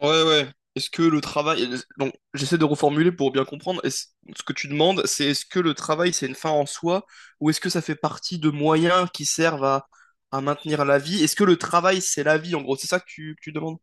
Ouais, ouais. Est-ce que le travail... Donc, j'essaie de reformuler pour bien comprendre. Ce que tu demandes, c'est est-ce que le travail, c'est une fin en soi, ou est-ce que ça fait partie de moyens qui servent à maintenir la vie? Est-ce que le travail, c'est la vie, en gros? C'est ça que tu demandes?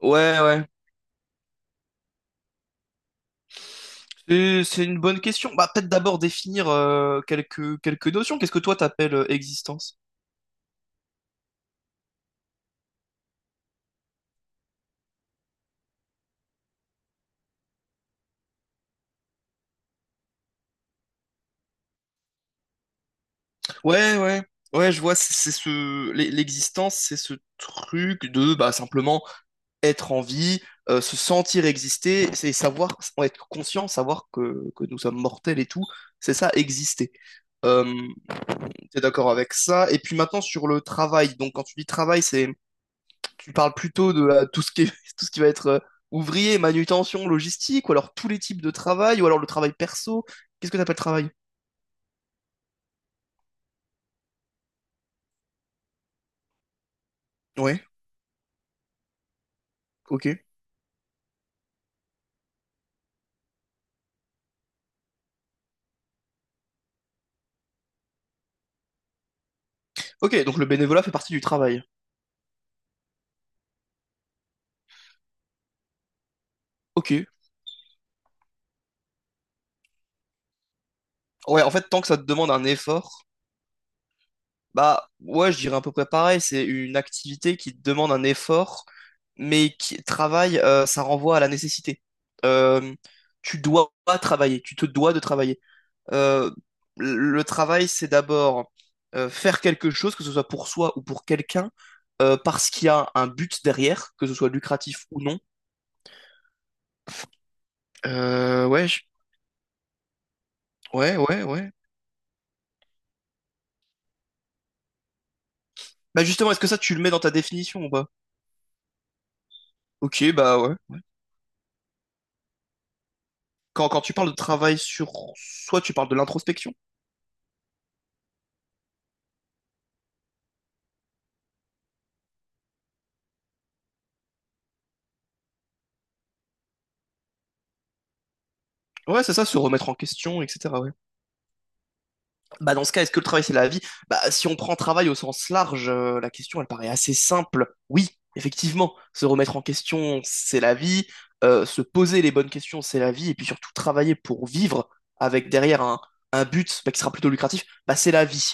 Ouais, ouais. C'est une bonne question. Bah, peut-être d'abord définir quelques, quelques notions. Qu'est-ce que toi, t'appelles existence? Ouais, ouais, ouais, je vois, l'existence, c'est ce truc de, bah, simplement être en vie, se sentir exister, c'est savoir, être conscient, savoir que nous sommes mortels et tout, c'est ça, exister. Euh, T'es d'accord avec ça? Et puis maintenant sur le travail, donc quand tu dis travail, c'est, tu parles plutôt de tout ce qui est- tout ce qui va être ouvrier, manutention, logistique, ou alors tous les types de travail, ou alors le travail perso. Qu'est-ce que t'appelles travail? Ouais, ok. Ok, donc le bénévolat fait partie du travail. Ok. Ouais, en fait, tant que ça te demande un effort, bah ouais, je dirais à peu près pareil. C'est une activité qui demande un effort, mais qui travaille, ça renvoie à la nécessité. Euh, Tu dois travailler, tu te dois de travailler. Euh, le travail, c'est d'abord faire quelque chose, que ce soit pour soi ou pour quelqu'un, parce qu'il y a un but derrière, que ce soit lucratif ou non. Euh, ouais, je- ouais, ouais, ouais. Bah justement, est-ce que ça, tu le mets dans ta définition ou pas? Ok, bah ouais. Quand tu parles de travail sur soi, tu parles de l'introspection. Ouais, c'est ça, se remettre en question, etc. Ouais. Bah, dans ce cas, est-ce que le travail, c'est la vie? Bah, si on prend travail au sens large, la question, elle paraît assez simple. Oui, effectivement, se remettre en question, c'est la vie. Se poser les bonnes questions, c'est la vie. Et puis surtout, travailler pour vivre avec derrière un but bah, qui sera plutôt lucratif, bah, c'est la vie.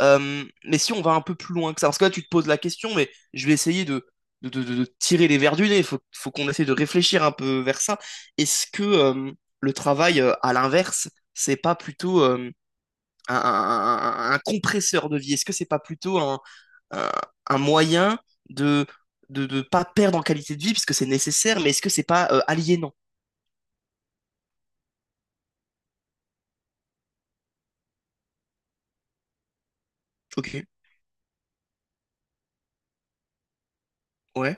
Mais si on va un peu plus loin que ça, parce que là tu te poses la question, mais je vais essayer de tirer les vers du nez, il faut, faut qu'on essaie de réfléchir un peu vers ça. Est-ce que le travail, à l'inverse, c'est pas plutôt un compresseur de vie? Est-ce que c'est pas plutôt un, un moyen de de ne pas perdre en qualité de vie, puisque c'est nécessaire, mais est-ce que c'est pas aliénant? Ok, ouais,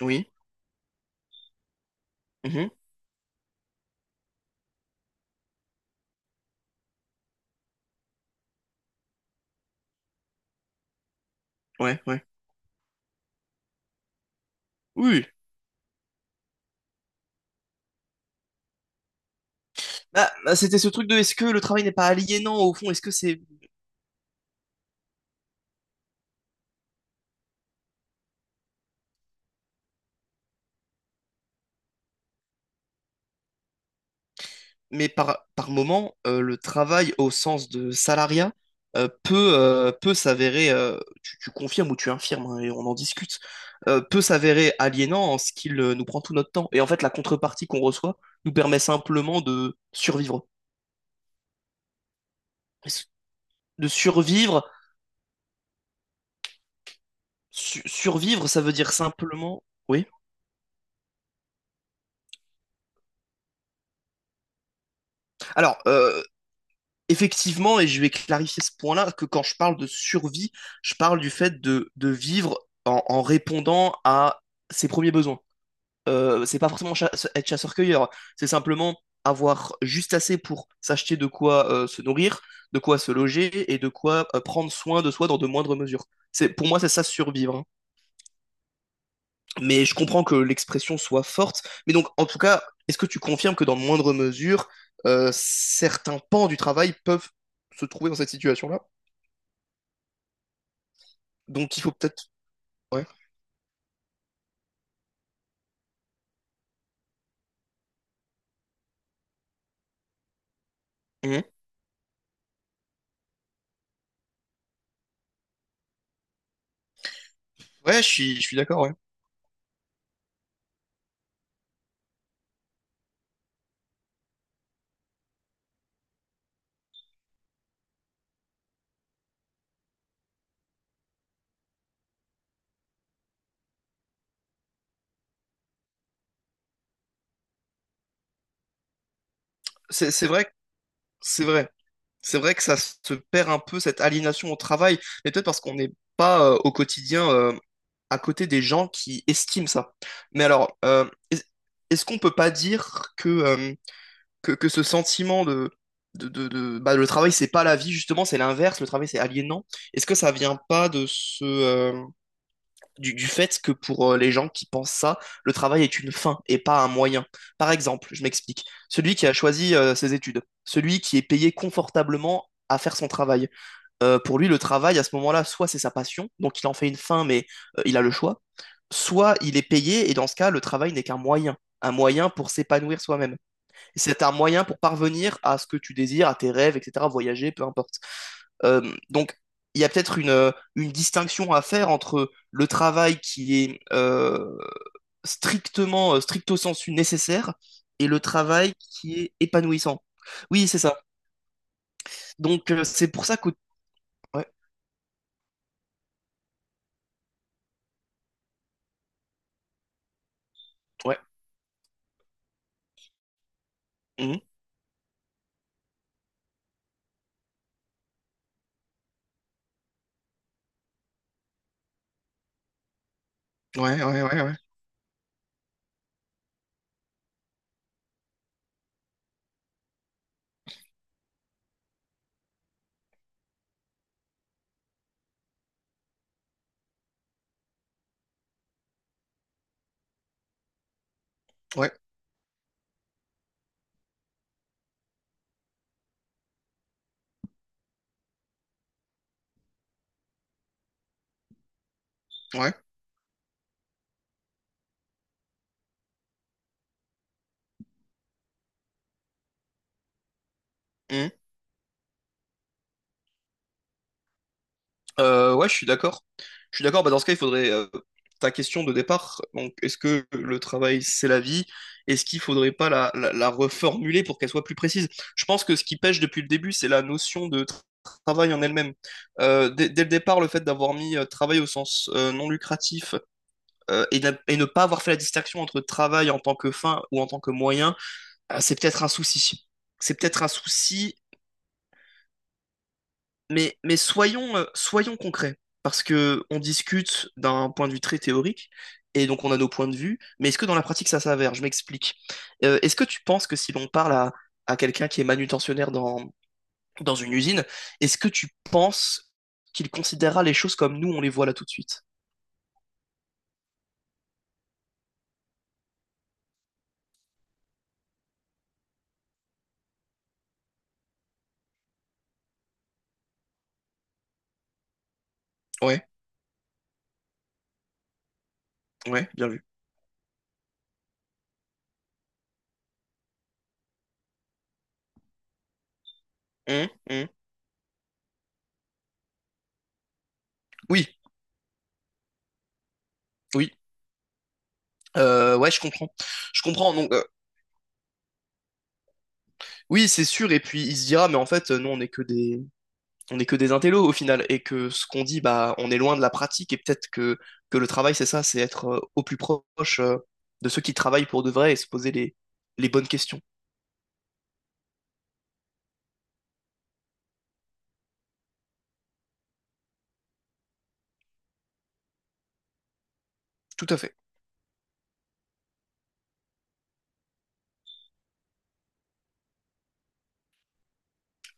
oui, mhm, ouais, ouais. Oui, bah, bah, c'était ce truc de est-ce que le travail n'est pas aliénant au fond? Est-ce que c'est mais par moment, le travail au sens de salariat euh, peut s'avérer, tu confirmes ou tu infirmes, hein, et on en discute, peut s'avérer aliénant en ce qu'il nous prend tout notre temps. Et en fait, la contrepartie qu'on reçoit nous permet simplement de survivre. De survivre, survivre, ça veut dire simplement... Oui. Alors, effectivement, et je vais clarifier ce point-là, que quand je parle de survie, je parle du fait de vivre en en répondant à ses premiers besoins. C'est pas forcément être chasseur-cueilleur, c'est simplement avoir juste assez pour s'acheter de quoi se nourrir, de quoi se loger et de quoi prendre soin de soi dans de moindres mesures. C'est, pour moi, c'est ça survivre, hein. Mais je comprends que l'expression soit forte. Mais donc, en tout cas, est-ce que tu confirmes que dans de moindres mesures, certains pans du travail peuvent se trouver dans cette situation-là? Donc, il faut peut-être... Ouais. Mhm. Ouais, je suis d'accord, ouais. C'est vrai, c'est vrai. C'est vrai que ça se perd un peu, cette aliénation au travail, mais peut-être parce qu'on n'est pas au quotidien à côté des gens qui estiment ça. Mais alors, est-ce qu'on peut pas dire que ce sentiment bah, le travail, c'est pas la vie, justement, c'est l'inverse, le travail, c'est aliénant. Est-ce que ça vient pas de ce, du fait que pour les gens qui pensent ça, le travail est une fin et pas un moyen. Par exemple, je m'explique, celui qui a choisi ses études, celui qui est payé confortablement à faire son travail. Pour lui, le travail, à ce moment-là, soit c'est sa passion, donc il en fait une fin, mais il a le choix, soit il est payé, et dans ce cas, le travail n'est qu'un moyen, un moyen pour s'épanouir soi-même. C'est un moyen pour parvenir à ce que tu désires, à tes rêves, etc., voyager, peu importe. Donc, il y a peut-être une distinction à faire entre le travail qui est strictement, stricto sensu nécessaire et le travail qui est épanouissant. Oui, c'est ça. Donc, c'est pour ça que... Ouais, ouais, mhm. Ouais, ouais, ouais, ouais, ouais, ouais. Mhm. Ouais, je suis d'accord. Je suis d'accord. Bah, dans ce cas, il faudrait ta question de départ. Donc, est-ce que le travail, c'est la vie? Est-ce qu'il faudrait pas la reformuler pour qu'elle soit plus précise? Je pense que ce qui pêche depuis le début, c'est la notion de travail en elle-même. Euh, dès le départ, le fait d'avoir mis travail au sens non lucratif et ne pas avoir fait la distinction entre travail en tant que fin ou en tant que moyen, c'est peut-être un souci. C'est peut-être un souci mais soyons, soyons concrets, parce que on discute d'un point de vue très théorique, et donc on a nos points de vue, mais est-ce que dans la pratique ça s'avère? Je m'explique. Est-ce que tu penses que si l'on parle à quelqu'un qui est manutentionnaire dans, dans une usine, est-ce que tu penses qu'il considérera les choses comme nous on les voit là tout de suite? Ouais, ouais, bien vu. Hum, hum. Oui, oui. Ouais, je comprends. Je comprends. Donc, oui, c'est sûr. Et puis, il se dira, mais en fait, nous, on n'est que des, on n'est que des intellos au final et que ce qu'on dit, bah, on est loin de la pratique et peut-être que le travail, c'est ça, c'est être au plus proche de ceux qui travaillent pour de vrai et se poser les bonnes questions. Tout à fait.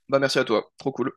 Bah, merci à toi. Trop cool.